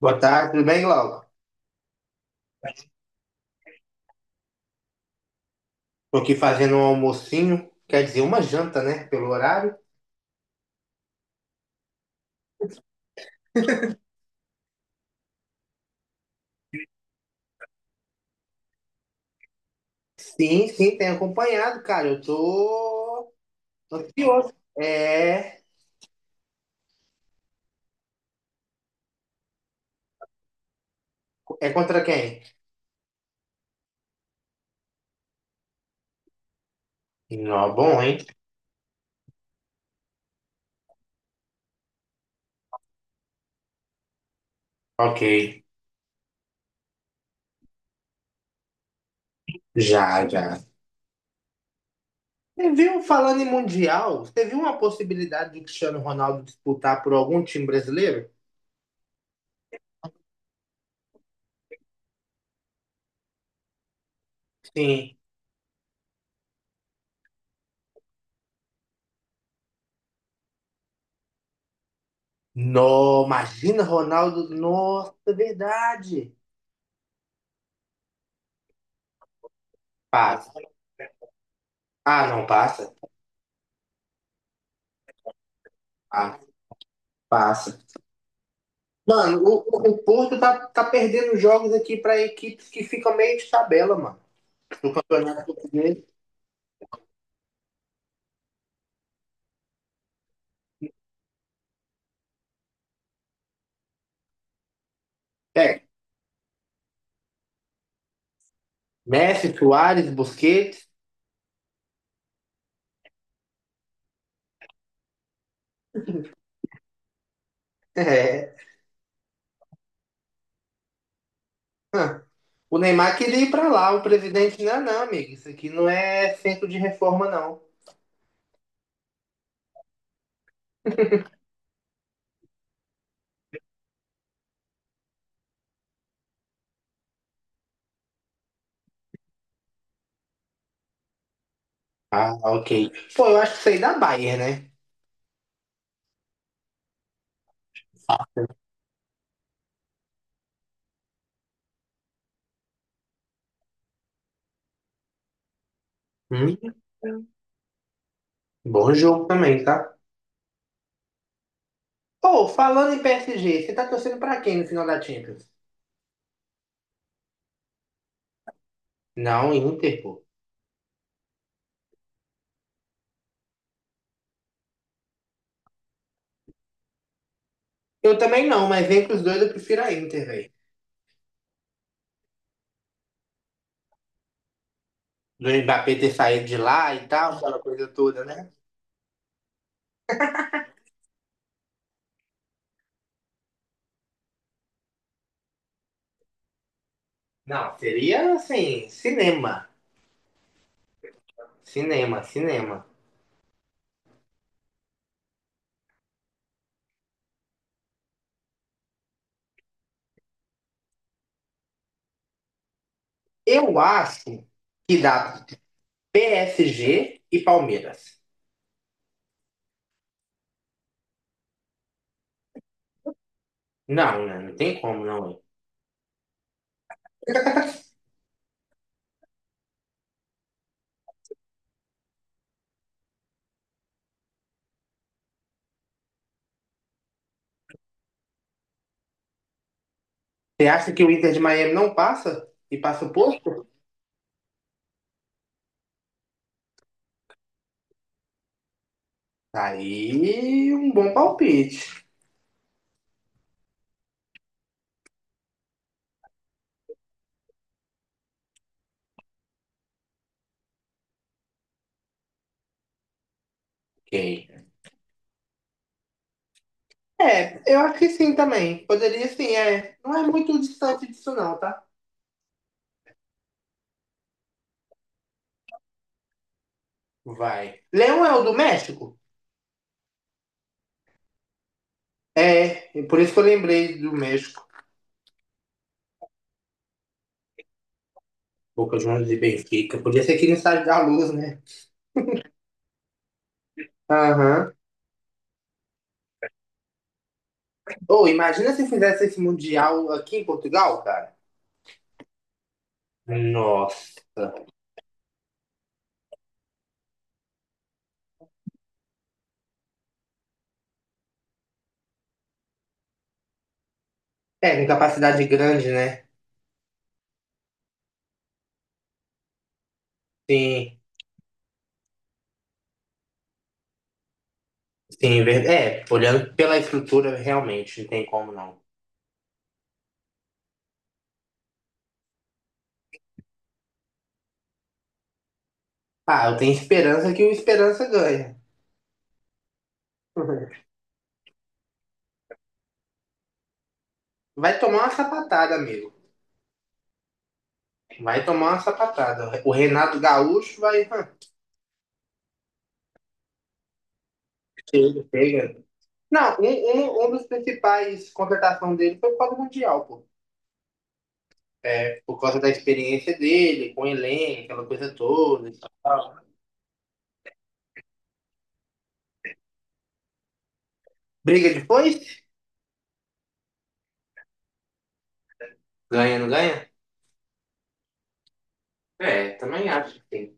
Boa tarde, tudo bem, Laura? Tô aqui fazendo um almocinho, quer dizer, uma janta, né? Pelo horário. Sim, sim, tem acompanhado, cara. Eu tô ansioso. É, é contra quem? Não, bom, hein? Ok. Já, já. Você viu, falando em Mundial, você viu uma possibilidade do Cristiano Ronaldo disputar por algum time brasileiro? Sim. No, imagina Ronaldo. Nossa, é verdade. Passa. Ah, não, passa. Ah, passa. Mano, o Porto tá perdendo jogos aqui pra equipes que ficam meio de tabela, mano. Campeonato português. É, Messi, Suárez, Busquets. É. Hã. O Neymar queria ir pra lá, o presidente, não, não, amigo. Isso aqui não é centro de reforma, não. Ah, ok. Pô, eu acho que isso aí da Bayern, né? Hum, bom jogo também, tá? Pô, falando em PSG, você tá torcendo pra quem no final da Champions? Não, Inter, pô. Eu também não, mas entre os dois eu prefiro a Inter, velho. Do Mbappé ter saído de lá e tal, aquela coisa toda, né? Não, seria assim, cinema. Cinema, cinema. Eu acho que dá PSG e Palmeiras. Não, né? Não tem como, não. Você acha que o Inter de Miami não passa? E passa o posto? Tá aí um bom palpite. Ok. É, eu acho que sim também. Poderia sim, é. Não é muito distante disso, não, tá? Vai. Leão é o do México? É, por isso que eu lembrei do México. Boca Juniors e Benfica. Podia ser aqui no Estádio da Luz, né? Aham. Ou imagina se fizesse esse Mundial aqui em Portugal, cara. Nossa. É, com capacidade grande, né? Sim, sim, é, olhando pela estrutura, realmente, não tem como não. Ah, eu tenho esperança que o Esperança ganha. Vai tomar uma sapatada, amigo. Vai tomar uma sapatada. O Renato Gaúcho vai. Hã, chega, chega. Não, um dos principais contratações dele foi o Paulo Mundial, pô. É, por causa da experiência dele, com o Elen, aquela coisa toda e tal. Briga depois. Ganha, não ganha? É, também acho que tem.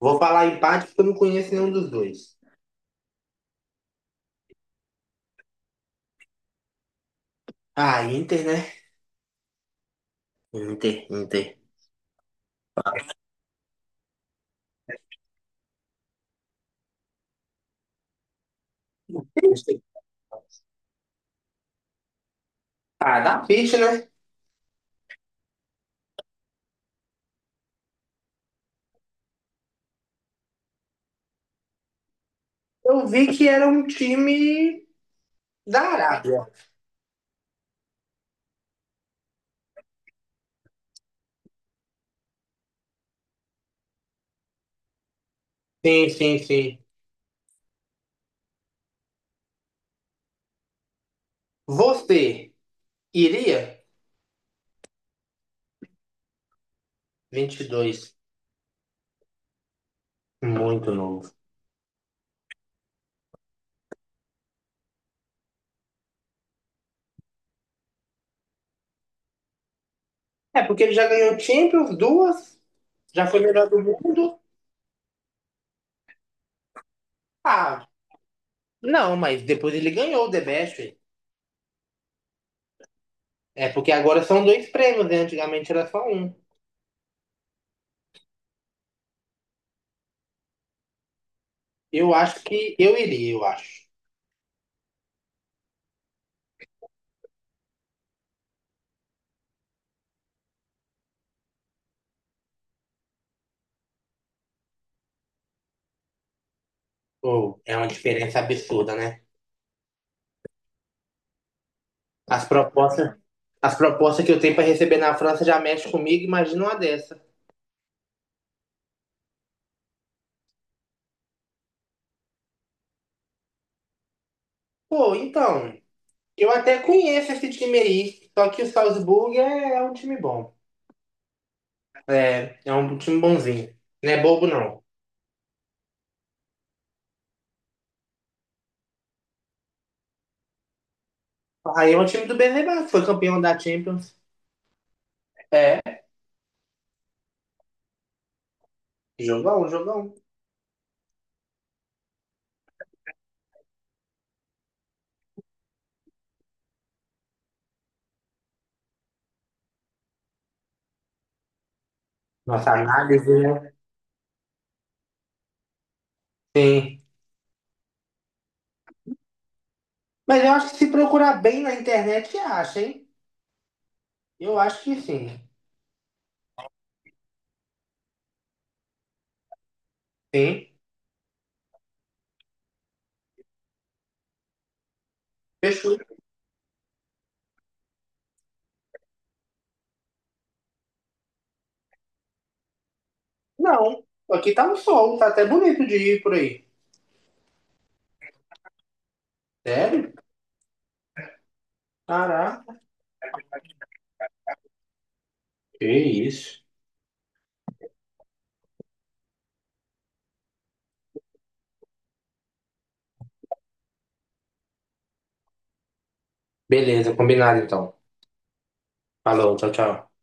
Vou falar empate porque eu não conheço nenhum dos dois. Ah, Inter, né? Inter, Inter. Ah, dá peixe, né? Eu vi que era um time da Arábia. Sim, sim, sim. Você iria? 22. Muito novo. É, porque ele já ganhou Champions, duas, já foi melhor do mundo. Ah, não, mas depois ele ganhou o The Best, velho. É porque agora são dois prêmios, né? Antigamente era só um. Eu acho que eu iria, eu acho. Ou é uma diferença absurda, né? As propostas, as propostas que eu tenho para receber na França já mexem comigo, imagina uma dessa. Pô, então, eu até conheço esse time aí, só que o Salzburg é um time bom. É, é um time bonzinho. Não é bobo, não. Aí é um time do Benzema, que foi campeão da Champions. É, jogão, jogão. Nossa análise, né? Sim. Mas eu acho que se procurar bem na internet, acha, hein? Eu acho que sim. Sim. Fechou. Não. Aqui tá um sol, tá até bonito de ir por aí. Sério? Caraca. Que isso. Beleza, combinado então. Falou, tchau, tchau.